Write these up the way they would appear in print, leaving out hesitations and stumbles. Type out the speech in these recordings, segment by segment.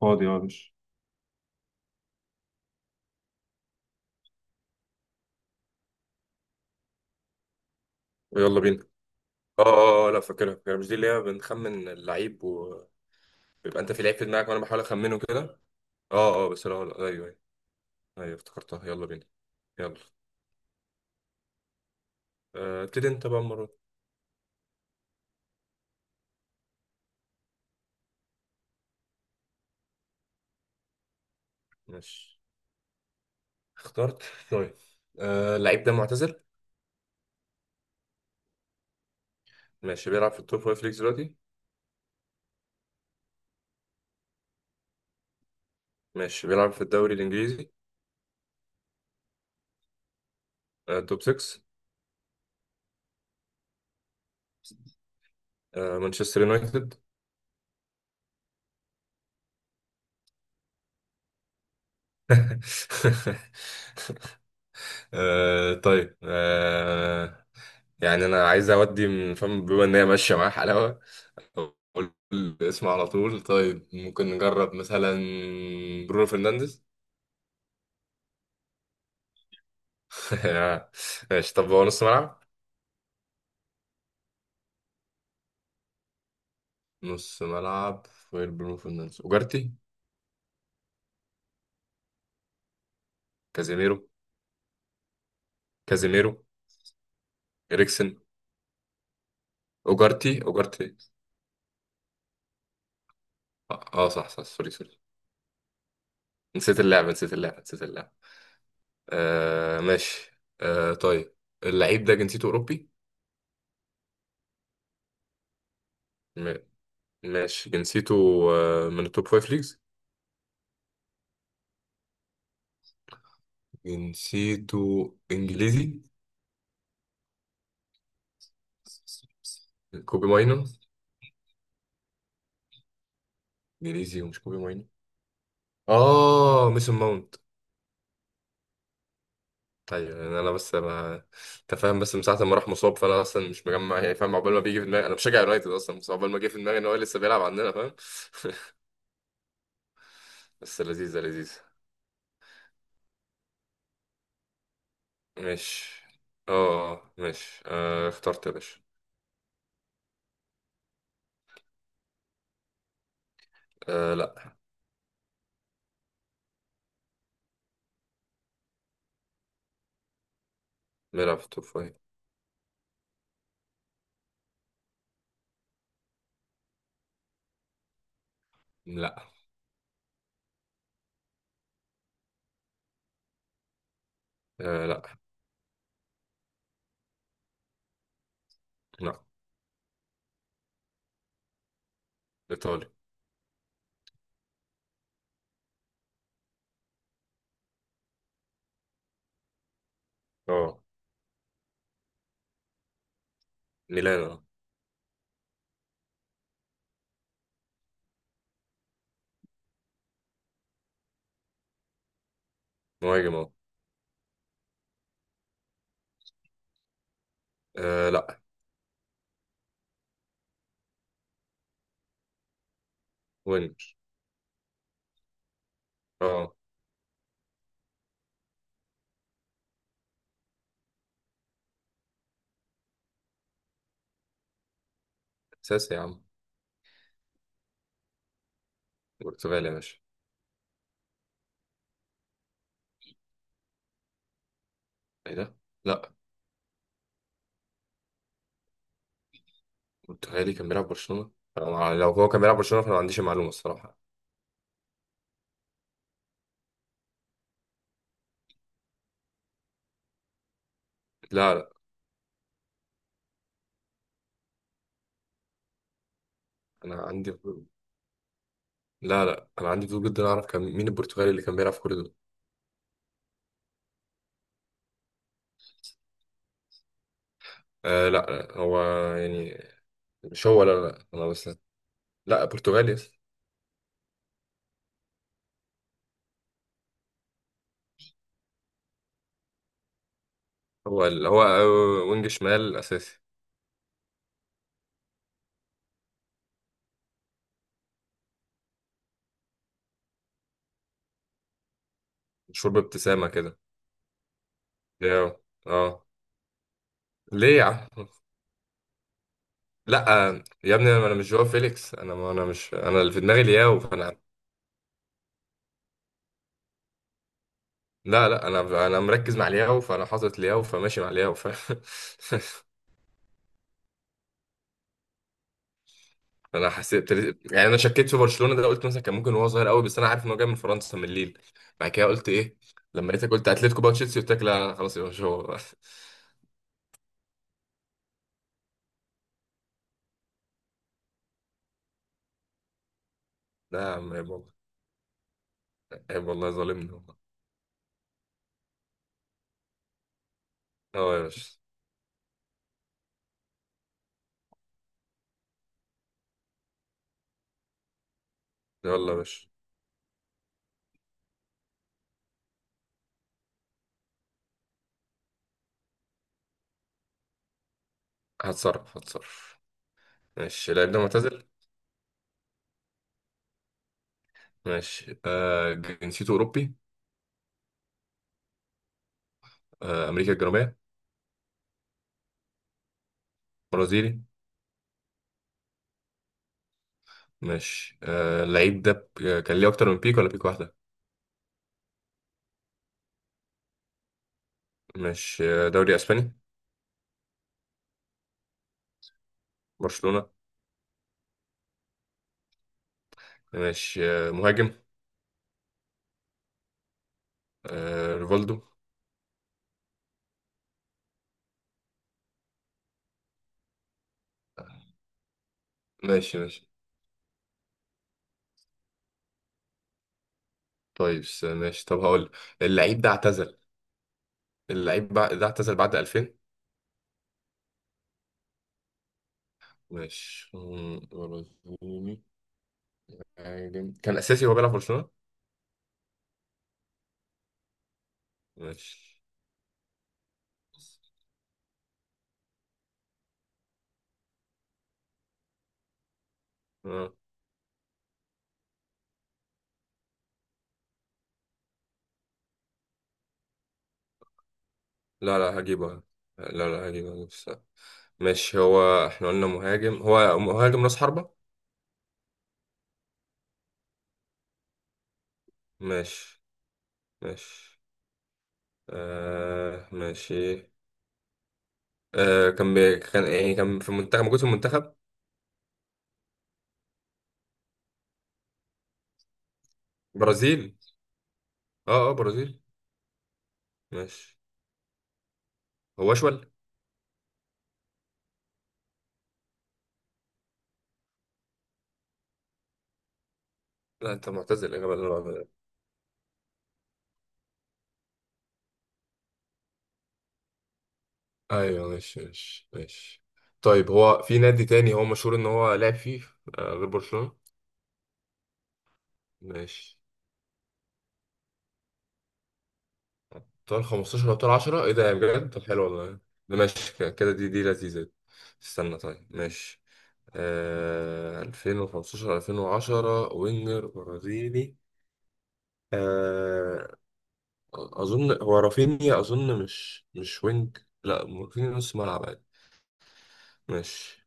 فاضي، اه، مش. ويلا بينا. لا فاكرها، فاكرها، مش دي اللي هي بنخمن اللعيب وبيبقى. انت في لعيب في دماغك وانا بحاول اخمنه كده. اه، اه، بس لا، لا، ايوه، ايوه. ايوه افتكرتها، يلا بينا. يلا. ابتدي انت بقى المره دي. ماشي، اخترت. طيب، اللعيب ده معتزل؟ ماشي، بيلعب في التوب فايف ليجز دلوقتي؟ ماشي، بيلعب في الدوري الانجليزي؟ توب 6؟ مانشستر يونايتد. آه طيب آه يعني انا عايز اودي من فم بما ان هي ماشيه معاه حلاوه، اقول الاسم على طول. طيب ممكن نجرب مثلا برونو فرنانديز. ماشي، طب هو نص ملعب؟ نص ملعب. غير برونو فرنانديز، اوجارتي، كازيميرو، كازيميرو، اريكسن، اوجارتي، اوجارتي. صح، صح، سوري، سوري. نسيت اللعبه، نسيت اللعبه، نسيت اللعبه. ماشي. طيب، اللعيب ده جنسيته اوروبي؟ ماشي، جنسيته، من التوب فايف ليجز؟ جنسيته انجليزي؟ كوبي ماينو. انجليزي ومش كوبي ماينو؟ اه ميسون ماونت. ايوه، يعني انا بس انا، انت فاهم، بس من ساعه ما راح مصاب، فانا اصلا مش مجمع، يعني فاهم، عقبال ما بيجي في دماغي، انا بشجع يونايتد اصلا، بس عقبال ما جه في دماغي ان هو لسه بيلعب عندنا، فاهم. بس لذيذه، لذيذه. ماشي. ماشي. اخترت يا باشا. لا. بيلعب في التوب فايف. لا. آه لا لا ايطالي. اه، ميلان. اه، مهاجم. اه. لا. وينج. اه، اساسي يا عم. برتغالي يا باشا. ايه ده؟ لا. برتغالي كان بيلعب برشلونة؟ أنا لو هو كان بيلعب برشلونة فانا ما عنديش المعلومة الصراحة. لا لا انا عندي فضول- لا لا انا عندي فضول جدا اعرف كان مين البرتغالي اللي كان بيلعب في كل دول. لا، لا، هو، يعني، مش هو، لا، لا، انا بس. لا، برتغالي، يس. هو وينج شمال اساسي. مشهور بابتسامة كده. اه آه. ليه يا عم؟ لا. يا ابني، انا مش جواو فيليكس. انا مش، انا اللي في دماغي لياو، فانا. لا، لا، انا مركز مع لياو، فانا حاطط لياو، فماشي مع لياو ف. انا حسيت، يعني انا شكيت في برشلونه ده، قلت مثلا كان ممكن هو صغير قوي، بس انا عارف ان هو جاي من فرنسا من ليل. بعد كده قلت ايه؟ لما لقيتك قلت اتلتيكو، بقى تشيلسي، قلت لك لا لا. خلاص يا باشا، هو. لا يا عم، عيب والله. عيب والله، ظالمني والله. اه يا باشا. يلا يا باشا. هتصرف، هتصرف. ماشي، اللعيب ده معتزل. ماشي، جنسيته اوروبي؟ امريكا الجنوبيه؟ برازيلي؟ ماشي. آه اللعيب ده ب- آه، كان ليه أكتر من بيك ولا بيك واحدة؟ ماشي. دوري أسباني؟ برشلونة؟ ماشي. مهاجم؟ ريفالدو. ماشي، ماشي. طيب، ماشي، طب هقول، اللعيب ده اعتزل، اللعيب ده اعتزل بعد 2000. ماشي. برازيلي، مهاجم. كان أساسي وهو بيلعب في برشلونة. ماشي. آه. لا، لا، هجيبه. لا، لا، هجيبه، هجيبه. ماشي، هو احنا قلنا مهاجم؟ هو مهاجم راس حربة؟ ماشي، ماشي. ماشي. كان كان في المنتخب؟ موجود في المنتخب؟ برازيل. اه برازيل. ماشي. هو اشول. لا انت معتزل الاجابه اللي انا بعملها دي. ايوه، ماشي، ماشي، ماشي. طيب هو في نادي تاني هو مشهور ان هو لعب فيه، غير برشلونة؟ ماشي، ابطال 15 وابطال 10؟ ايه ده يا بجد؟ طب حلو والله. ده ماشي، كده، دي لذيذة دي. استنى، طيب، ماشي. 2015، 2010، وينجر، برازيلي. آه اظن هو رافينيا. اظن مش وينج. لا، رافينيا نص ملعب عادي، مش.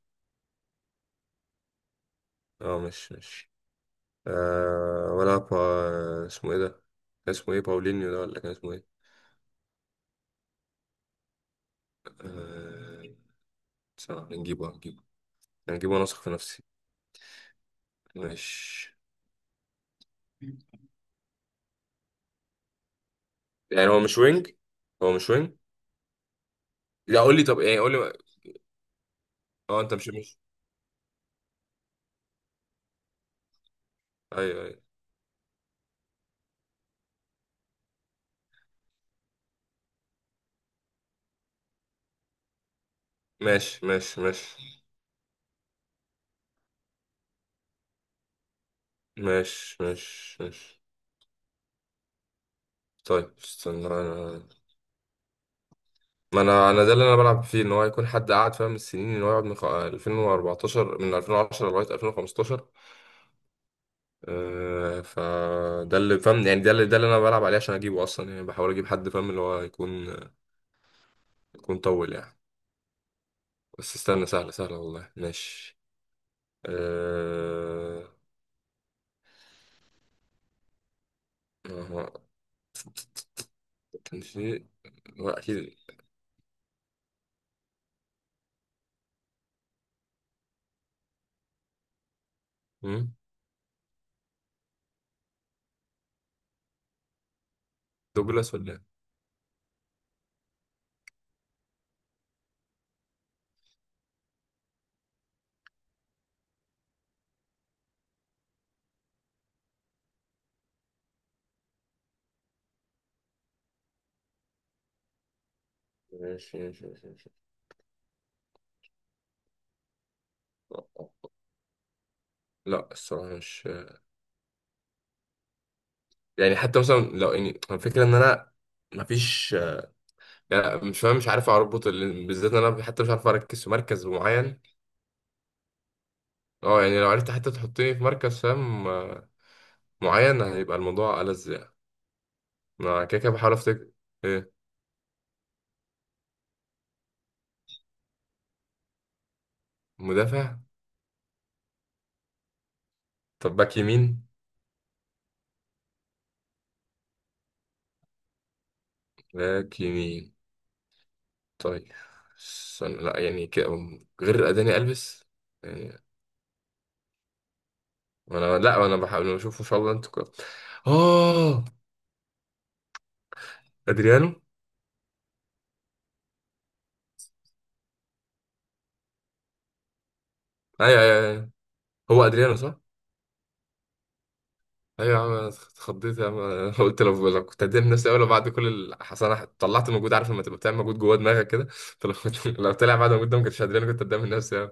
مش ولا، اسمه ايه ده؟ كان اسمه ايه؟ باولينيو ده ولا كان اسمه ايه؟ آه ثواني، هنجيبه، هنجيبه. هنجيبه وانا واثق في نفسي. مش، يعني هو مش وينج، هو مش وينج. لا قول لي، طب يعني قول لي. اه، انت مش، ايوه، ايوه، ماشي، ماشي، ماشي، ماشي، ماشي، ماشي. طيب استنى انا، ما انا ده اللي انا بلعب فيه، ان هو يكون حد قاعد فاهم السنين، ان هو يقعد من 2014، من 2010 لغايه 2015. فده اللي فاهم يعني، ده اللي انا بلعب عليه عشان اجيبه اصلا، يعني بحاول اجيب حد فاهم، اللي هو يكون، طول يعني. بس استنى، سهله، سهله والله. ماشي. أه... ما هو كان في، هو اكيد. مم؟ دوجلاس ولا إيه؟ ماشي، ماشي، ماشي، ماشي. لا الصراحه مش، يعني حتى مثلا لو اني الفكره ان انا، مفيش، لا مش فاهم، مش عارف اربط بالذات إن انا حتى مش عارف اركز في مركز معين. اه، يعني لو عرفت حتى تحطني في مركز فاهم، معين، هيبقى الموضوع ألذ يعني. انا كده كده بحاول افتكر، ايه. مدافع؟ طب باك يمين؟ باك يمين. طيب استنى، لا، يعني كده، غير اداني البس يعني. انا، لا انا بحاول اشوف ان شاء الله، انتوا كده. اه، ادريانو. ايوه، ايوه، أيوة. هو ادريانو صح؟ ايوه يا عم، انا اتخضيت يا عم. انا قلت لو، كنت هدير نفسي اول، بعد كل اصل انا طلعت مجهود، عارف لما تبقى بتعمل مجهود جوه دماغك كده. فلو كنت لو طلع بعد مجهود ده، ما كنتش هدري كنت قدام الناس يعني.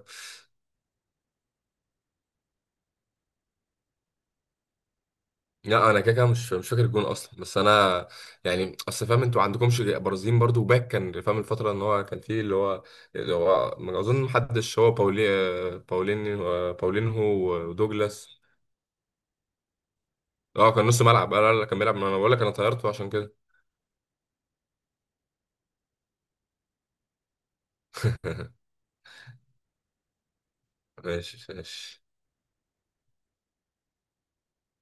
لا انا كده كده مش، فاكر الجون اصلا، بس انا يعني، اصل فاهم انتوا عندكمش برازيليين برضو، وباك كان فاهم الفتره ان هو كان فيه، اللي هو، اللي هو، ما اظن محدش، هو باولي، باولين، باولينهو. ودوجلاس. اه، كان نص ملعب، انا كان بيلعب، ما انا بقول لك انا طيرته عشان كده. ماشي، ماشي.